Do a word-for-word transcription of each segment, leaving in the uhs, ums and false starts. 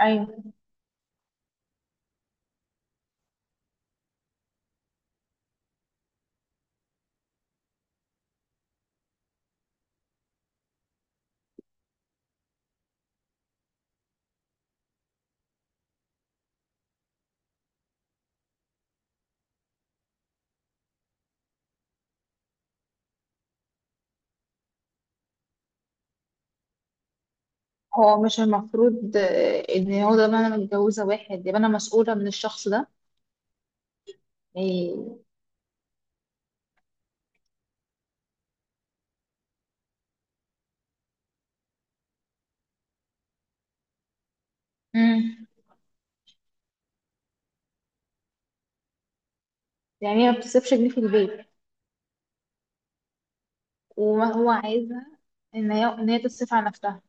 ايوه. هو مش المفروض آه، ان هو ده انا متجوزه واحد يبقى انا مسؤوله من الشخص ده؟ يعني امم يعني هي ما بتصرفش جنيه في البيت، وما هو عايزها ان هي ان هي تصرف على نفسها.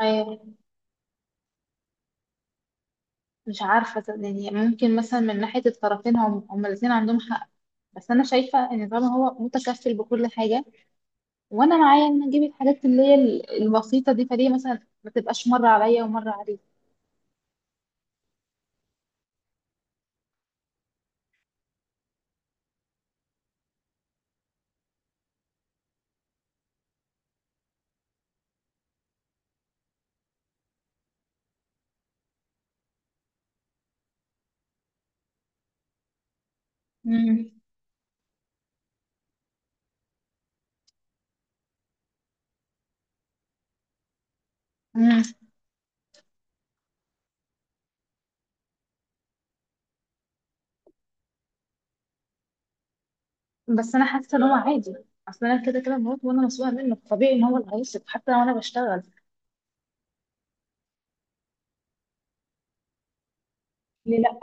ايوه، مش عارفه، يعني ممكن مثلا من ناحيه الطرفين هم هم الاثنين عندهم حق، بس انا شايفه ان طالما هو متكفل بكل حاجه وانا معايا ان اجيب الحاجات اللي هي ال- البسيطه دي، فليه مثلا ما تبقاش مره عليا ومره عليه؟ امم بس انا حاسه ان هو عادي. اصل انا كده كده بموت وانا مسؤوله منه، طبيعي ان هو اللي هيصرف حتى لو انا بشتغل. ليه لا؟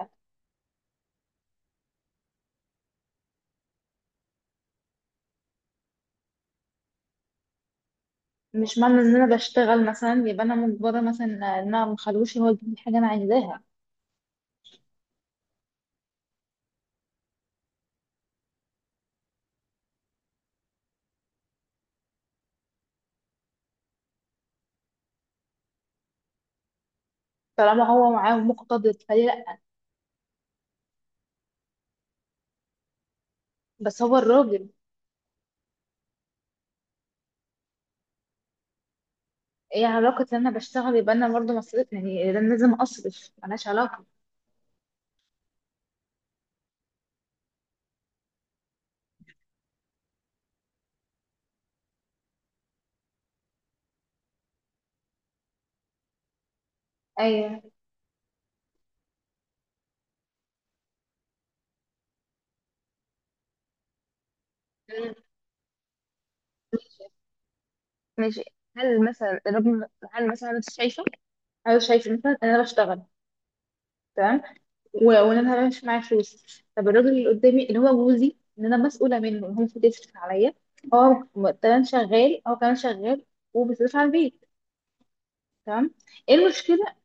مش معنى ان انا بشتغل مثلا يبقى انا مجبره مثلا ان انا مخلوش هو يجيب لي حاجه انا عايزاها. طالما هو معاه مقتدر، فليه لا؟ بس هو الراجل. ايه علاقه ان انا بشتغل يبقى انا برضه مصرف؟ يعني انا لازم اصرف؟ ملهاش علاقه. ايوه. مم. ماشي. ماشي. هل مثلا الراجل، هل مثلا انت شايفه انا شايفه مثلا ان انا بشتغل، تمام، و- وان انا مش معايا فلوس، طب الراجل اللي قدامي اللي هو جوزي ان انا مسؤوله منه إن هو المفروض يصرف عليا. هو م- كمان شغال، هو كمان شغال وبيصرف على البيت، تمام. ايه المشكله؟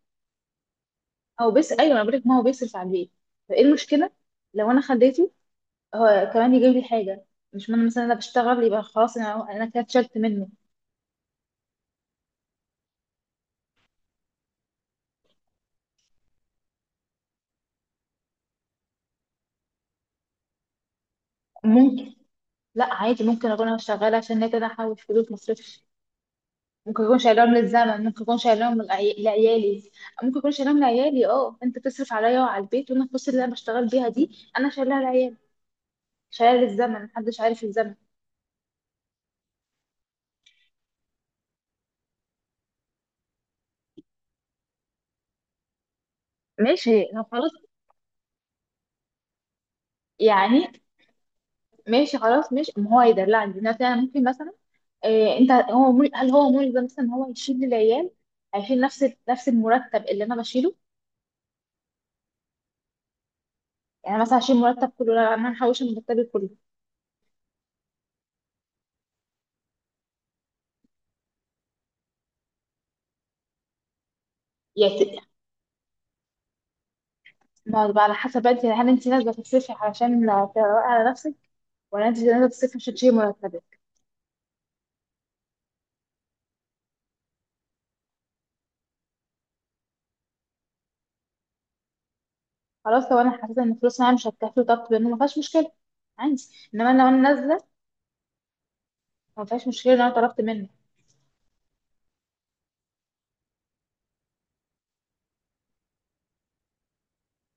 او بس ايوه انا بقول لك ما هو بيصرف على البيت، فايه المشكله لو انا خديته هو كمان يجيب لي حاجه؟ مش من مثلا انا بشتغل يبقى خلاص انا انا كده اتشلت منه. ممكن. لا عادي، ممكن اكون انا شغاله عشان هي كده احوش فلوس مصرفش. ممكن يكون شايلهم للزمن، ممكن يكون شايلهم لعي- لعيالي، ممكن يكون شايلهم لعيالي. اه انت بتصرف عليا وعلى البيت، وانا الفلوس اللي انا بشتغل بيها دي انا شايلها لعيالي، شايلها للزمن، محدش عارف الزمن. ماشي لو خلاص. يعني ماشي، خلاص ماشي. ما هو يدلعني دلوقتي، انا ممكن مثلا. إيه انت، هو مل... هل هو ملزم مثلا ان هو يشيل للعيال؟ هيشيل نفس ال- نفس المرتب اللي انا بشيله؟ يعني مثلا هشيل مرتب كله؟ لا انا محوشه مرتبي كله. يعني ما بقى على حسب انت، هل انت نازله تصرفي علشان تروقي على نفسك، ولا انت نازله تصرفي عشان تشيلي مرتبك؟ خلاص، لو انا حسيت ان الفلوس معايا مش هتكفي وطلبت منه ما فيهاش مشكله عندي. انما لو انا وانا نازله، ما فيهاش مشكله ان انا طلبت منه.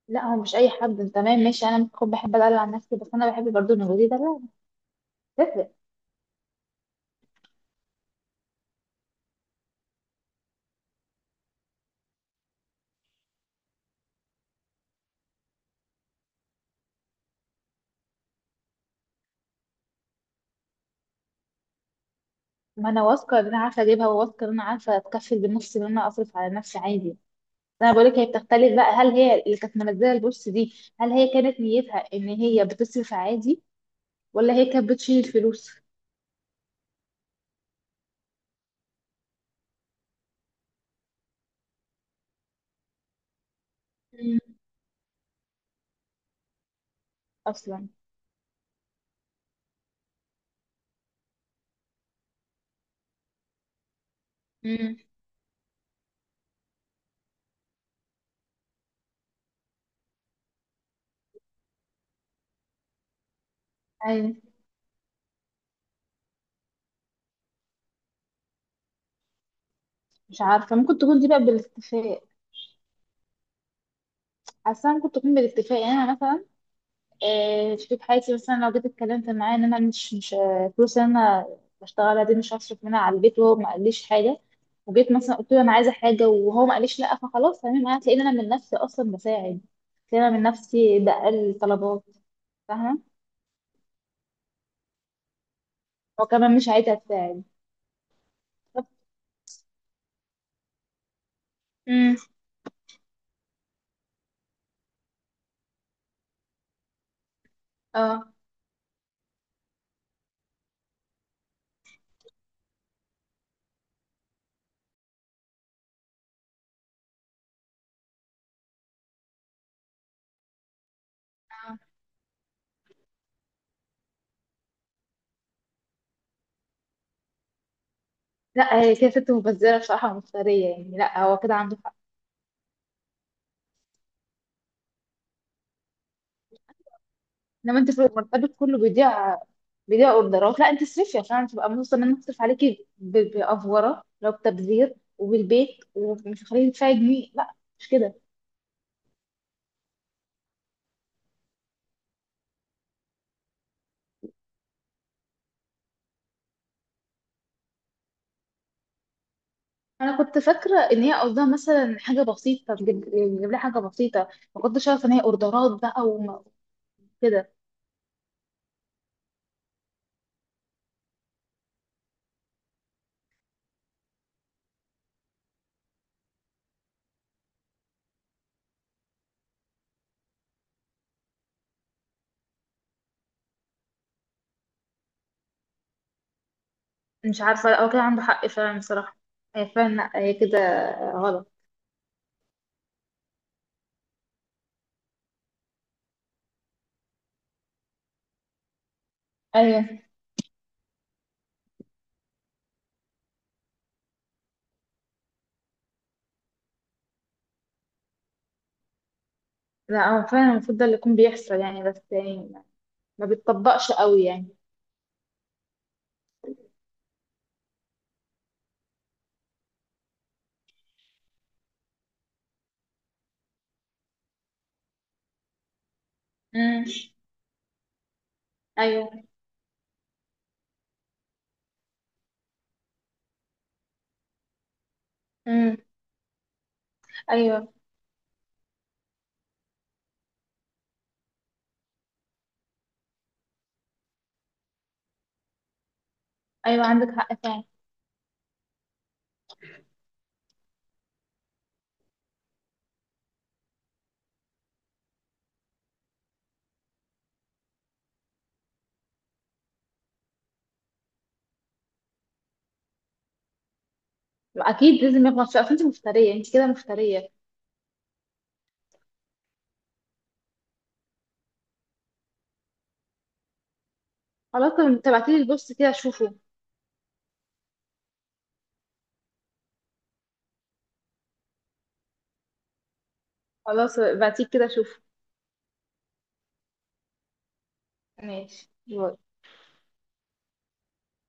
لا هو مش اي حد، انت تمام ماشي، انا ممكن بحب ادلع عن نفسي، بس انا بحب برضه نجودي ده، لا تفرق. ما انا واثقه ان انا عارفه اجيبها، وواثقه ان انا عارفه اتكفل بنفسي، ان انا اصرف على نفسي عادي. انا بقولك هي بتختلف بقى، هل هي اللي كانت منزله البوست دي؟ هل هي كانت نيتها ان هي بتصرف عادي، ولا هي كانت بتشيل الفلوس؟ مم. اصلا. مم. ايوه. مش عارفه، ممكن تكون دي بقى بالاتفاق. حاسه ممكن تكون بالاتفاق. يعني انا مثلا آه، شريك حياتي مثلا لو جيت اتكلمت معاه ان انا مش مش آه، فلوس اللي انا بشتغلها دي مش هصرف منها على البيت، وهو ما قاليش حاجه، وجيت مثلا قلت له انا عايزه حاجه وهو ما قاليش لا، فخلاص تمام، انا هتلاقيني انا من نفسي اصلا بساعد، هتلاقيني انا من نفسي بقل طلبات، فاهمه؟ هو كمان مش عايزه تساعد. طب- مم. اه لا هي كده ست مبذره بصراحه ومفتريه، يعني لا هو كده عنده حق. انما انت في مرتبك كله بيضيع، بيضيع اوردرات؟ لا انت اصرفي عشان تبقى مبسوطه، ان انا هصرف عليكي ب- بافوره لو بتبذير وبالبيت، ومش هخليكي تدفعي جنيه، لا مش كده. انا كنت فاكره ان هي قصدها مثلا حاجه بسيطه، تجيب تجيب لها حاجه بسيطه. ما كنتش عارفه ان هي اوردرات بقى وم- وكده. مش عارفه، لا هو كده عنده حق فعلا بصراحه. هي فعلا لا، هي كده غلط. ايوه لا هو فعلا المفروض ده اللي يكون بيحصل، يعني بس يعني ما بتطبقش قوي، يعني. امم ايوه. امم ايوه. ايوه عندك حق فعلا. اكيد لازم يخلص شويه. اصل انت مفتريه، انت كده مفتريه. خلاص طب تبعتيلي البوست كده اشوفه. خلاص بعتيه كده اشوفه. ماشي.